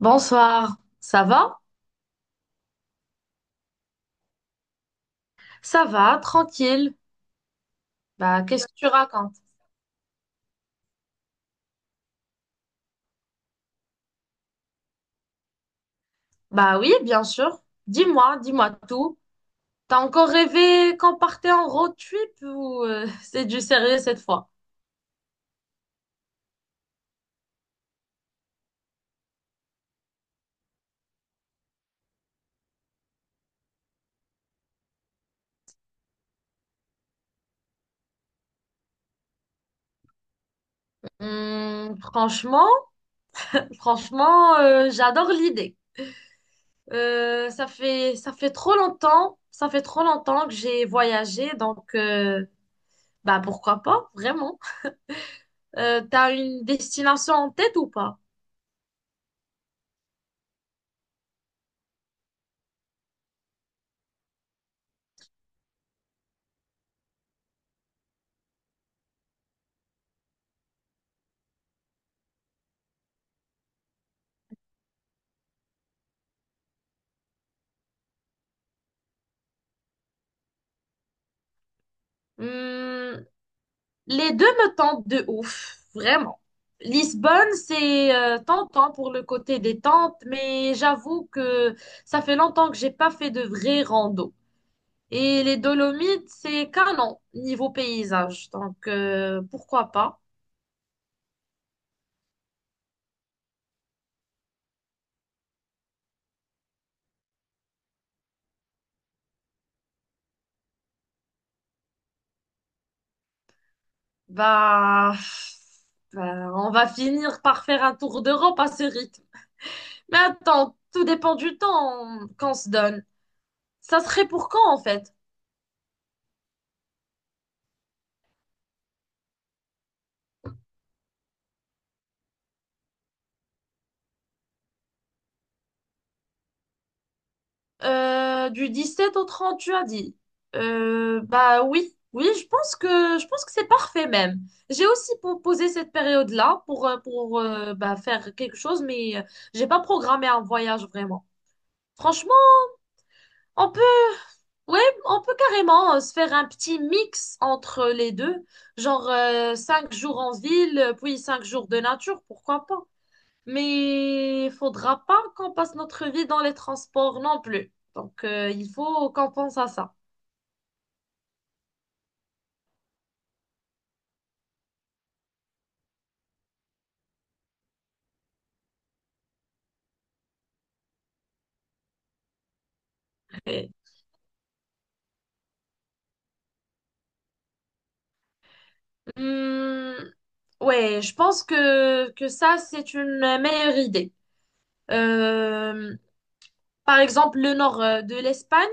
Bonsoir, ça va? Ça va, tranquille. Bah, qu'est-ce que tu racontes? Bah oui, bien sûr. Dis-moi, dis-moi tout. T'as encore rêvé qu'on partait en road trip ou c'est du sérieux cette fois? Hmm, franchement, Franchement, j'adore l'idée. Ça fait trop longtemps, que j'ai voyagé, donc bah pourquoi pas, vraiment. T'as une destination en tête ou pas? Hmm. Les deux me tentent de ouf, vraiment. Lisbonne, c'est tentant pour le côté détente, mais j'avoue que ça fait longtemps que j'ai pas fait de vrai rando. Et les Dolomites, c'est canon niveau paysage. Donc pourquoi pas? Bah, bah, on va finir par faire un tour d'Europe à ce rythme. Mais attends, tout dépend du temps qu'on se donne. Ça serait pour quand en fait? Du sept au 30, tu as dit. Bah oui, oui, je pense que c'est parfait même. J'ai aussi proposé cette période-là pour bah, faire quelque chose, mais j'ai pas programmé un voyage vraiment. Franchement, on peut, ouais, on peut carrément se faire un petit mix entre les deux, genre 5 jours en ville, puis 5 jours de nature, pourquoi pas. Mais il faudra pas qu'on passe notre vie dans les transports non plus. Donc il faut qu'on pense à ça. Hum, ouais, que ça, c'est une meilleure idée. Euh, Par exemple, le nord de l'Espagne,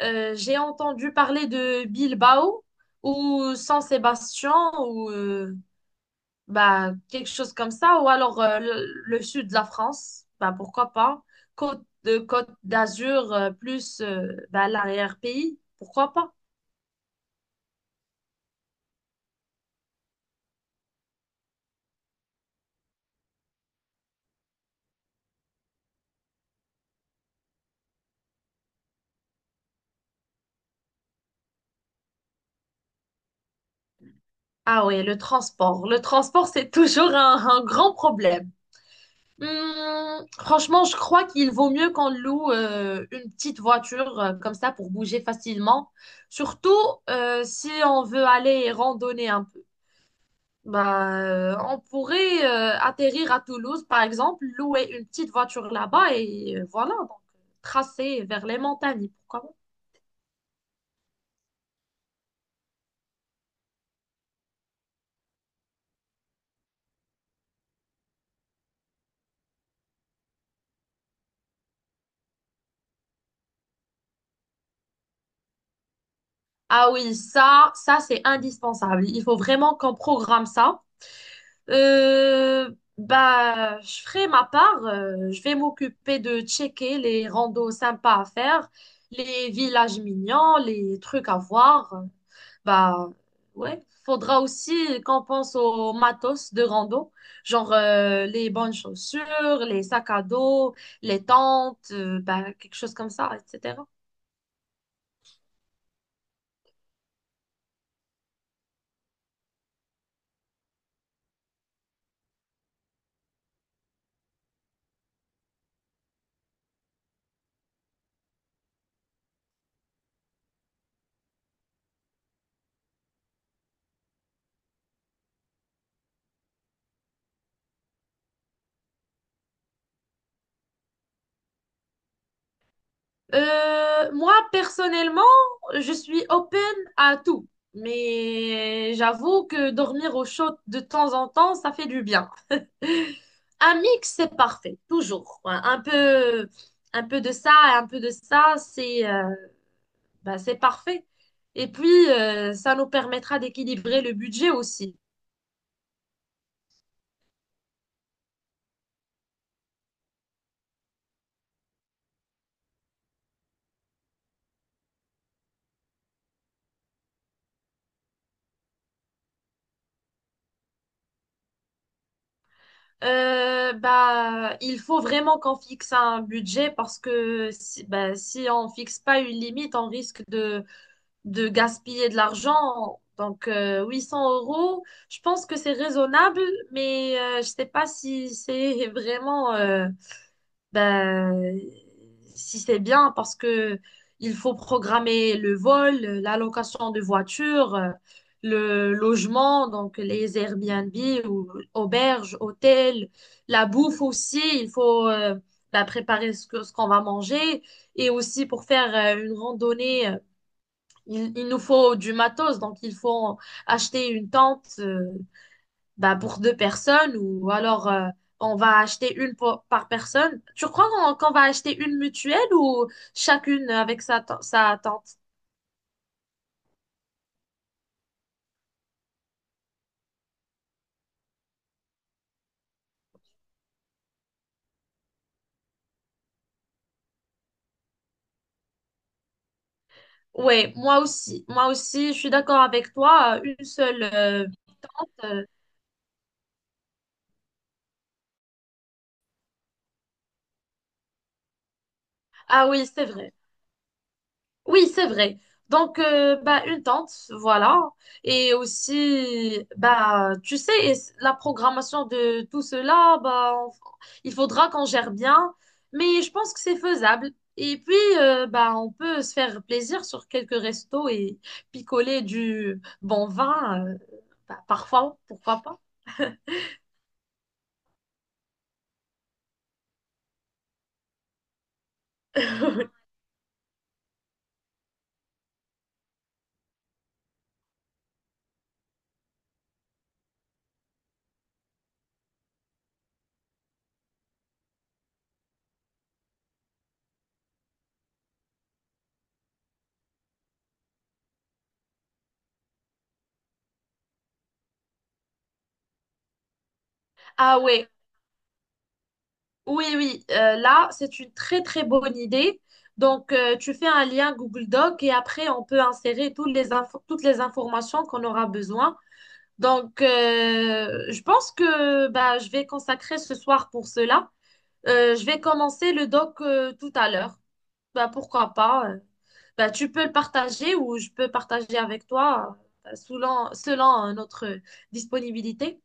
j'ai entendu parler de Bilbao ou San Sébastien ou bah, quelque chose comme ça, ou alors le sud de la France, bah, pourquoi pas. Côte d'Azur plus bah, l'arrière-pays, pourquoi pas. Ah ouais, le transport. Le transport, c'est toujours un grand problème. Franchement, je crois qu'il vaut mieux qu'on loue une petite voiture comme ça pour bouger facilement. Surtout si on veut aller randonner un peu. Bah, on pourrait atterrir à Toulouse, par exemple, louer une petite voiture là-bas et voilà, donc tracer vers les montagnes, pourquoi pas. Ah oui, ça c'est indispensable. Il faut vraiment qu'on programme ça. Euh, Bah, je ferai ma part. Je vais m'occuper de checker les randos sympas à faire, les villages mignons, les trucs à voir. Bah, ouais. Faudra aussi qu'on pense aux matos de rando, genre les bonnes chaussures, les sacs à dos, les tentes, bah, quelque chose comme ça, etc. Moi, personnellement, je suis open à tout. Mais j'avoue que dormir au chaud de temps en temps, ça fait du bien. Un mix, c'est parfait, toujours. Ouais, un peu, de ça et un peu de ça, c'est bah, c'est parfait. Et puis, ça nous permettra d'équilibrer le budget aussi. Bah, il faut vraiment qu'on fixe un budget parce que si, bah, si on fixe pas une limite, on risque de gaspiller de l'argent. Donc, 800 euros, je pense que c'est raisonnable, mais je sais pas si c'est vraiment, ben, si c'est bien parce que il faut programmer le vol, la location de voiture, le logement, donc les Airbnb ou auberges, hôtels, la bouffe aussi. Il faut ben, préparer ce qu'on va manger, et aussi pour faire une randonnée, il nous faut du matos, donc il faut acheter une tente, bah, pour deux personnes, ou alors on va acheter une pour- par personne. Tu crois qu'on va acheter une mutuelle ou chacune avec sa tente? Oui, moi aussi. Moi aussi, je suis d'accord avec toi. Une seule. Euh, Ah oui, c'est vrai. Oui, c'est vrai. Donc, bah, une tente, voilà. Et aussi, bah, tu sais, la programmation de tout cela, bah, il faudra qu'on gère bien. Mais je pense que c'est faisable. Et puis, bah, on peut se faire plaisir sur quelques restos et picoler du bon vin, bah, parfois, pourquoi pas. Ah ouais, oui, oui, là, c'est une très très bonne idée. Donc, tu fais un lien Google Doc et après, on peut insérer toutes les informations qu'on aura besoin. Donc, je pense que, bah, je vais consacrer ce soir pour cela. Je vais commencer le doc tout à l'heure. Bah, pourquoi pas? Bah, tu peux le partager ou je peux partager avec toi selon notre disponibilité.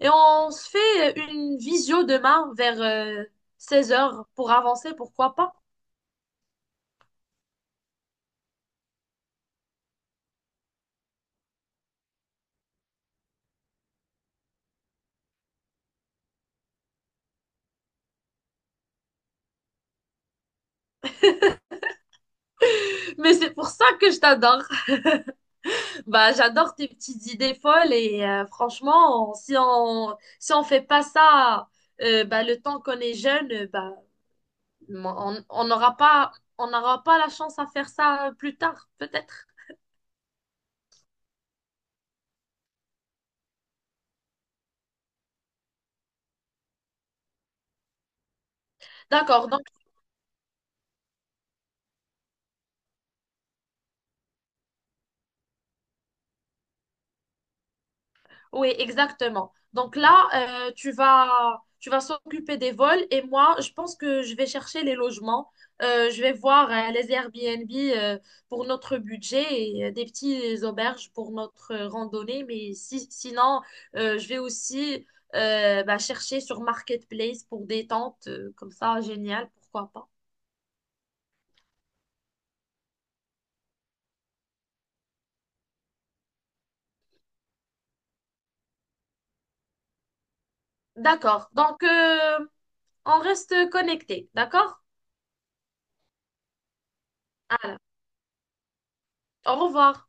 Et on se fait une visio demain vers 16 heures pour avancer, pourquoi pas. Mais c'est pour ça que je t'adore. Bah, j'adore tes petites idées folles et franchement, on- si on si on fait pas ça bah, le temps qu'on est jeune, bah, on n'aura pas la chance à faire ça plus tard, peut-être. D'accord, donc oui, exactement. Donc là, tu vas s'occuper des vols et moi, je pense que je vais chercher les logements. Je vais voir les Airbnb pour notre budget et des petites auberges pour notre randonnée. Sinon, je vais aussi bah, chercher sur Marketplace pour des tentes, comme ça, génial, pourquoi pas. D'accord. Donc, on reste connecté, d'accord? Voilà. Au revoir.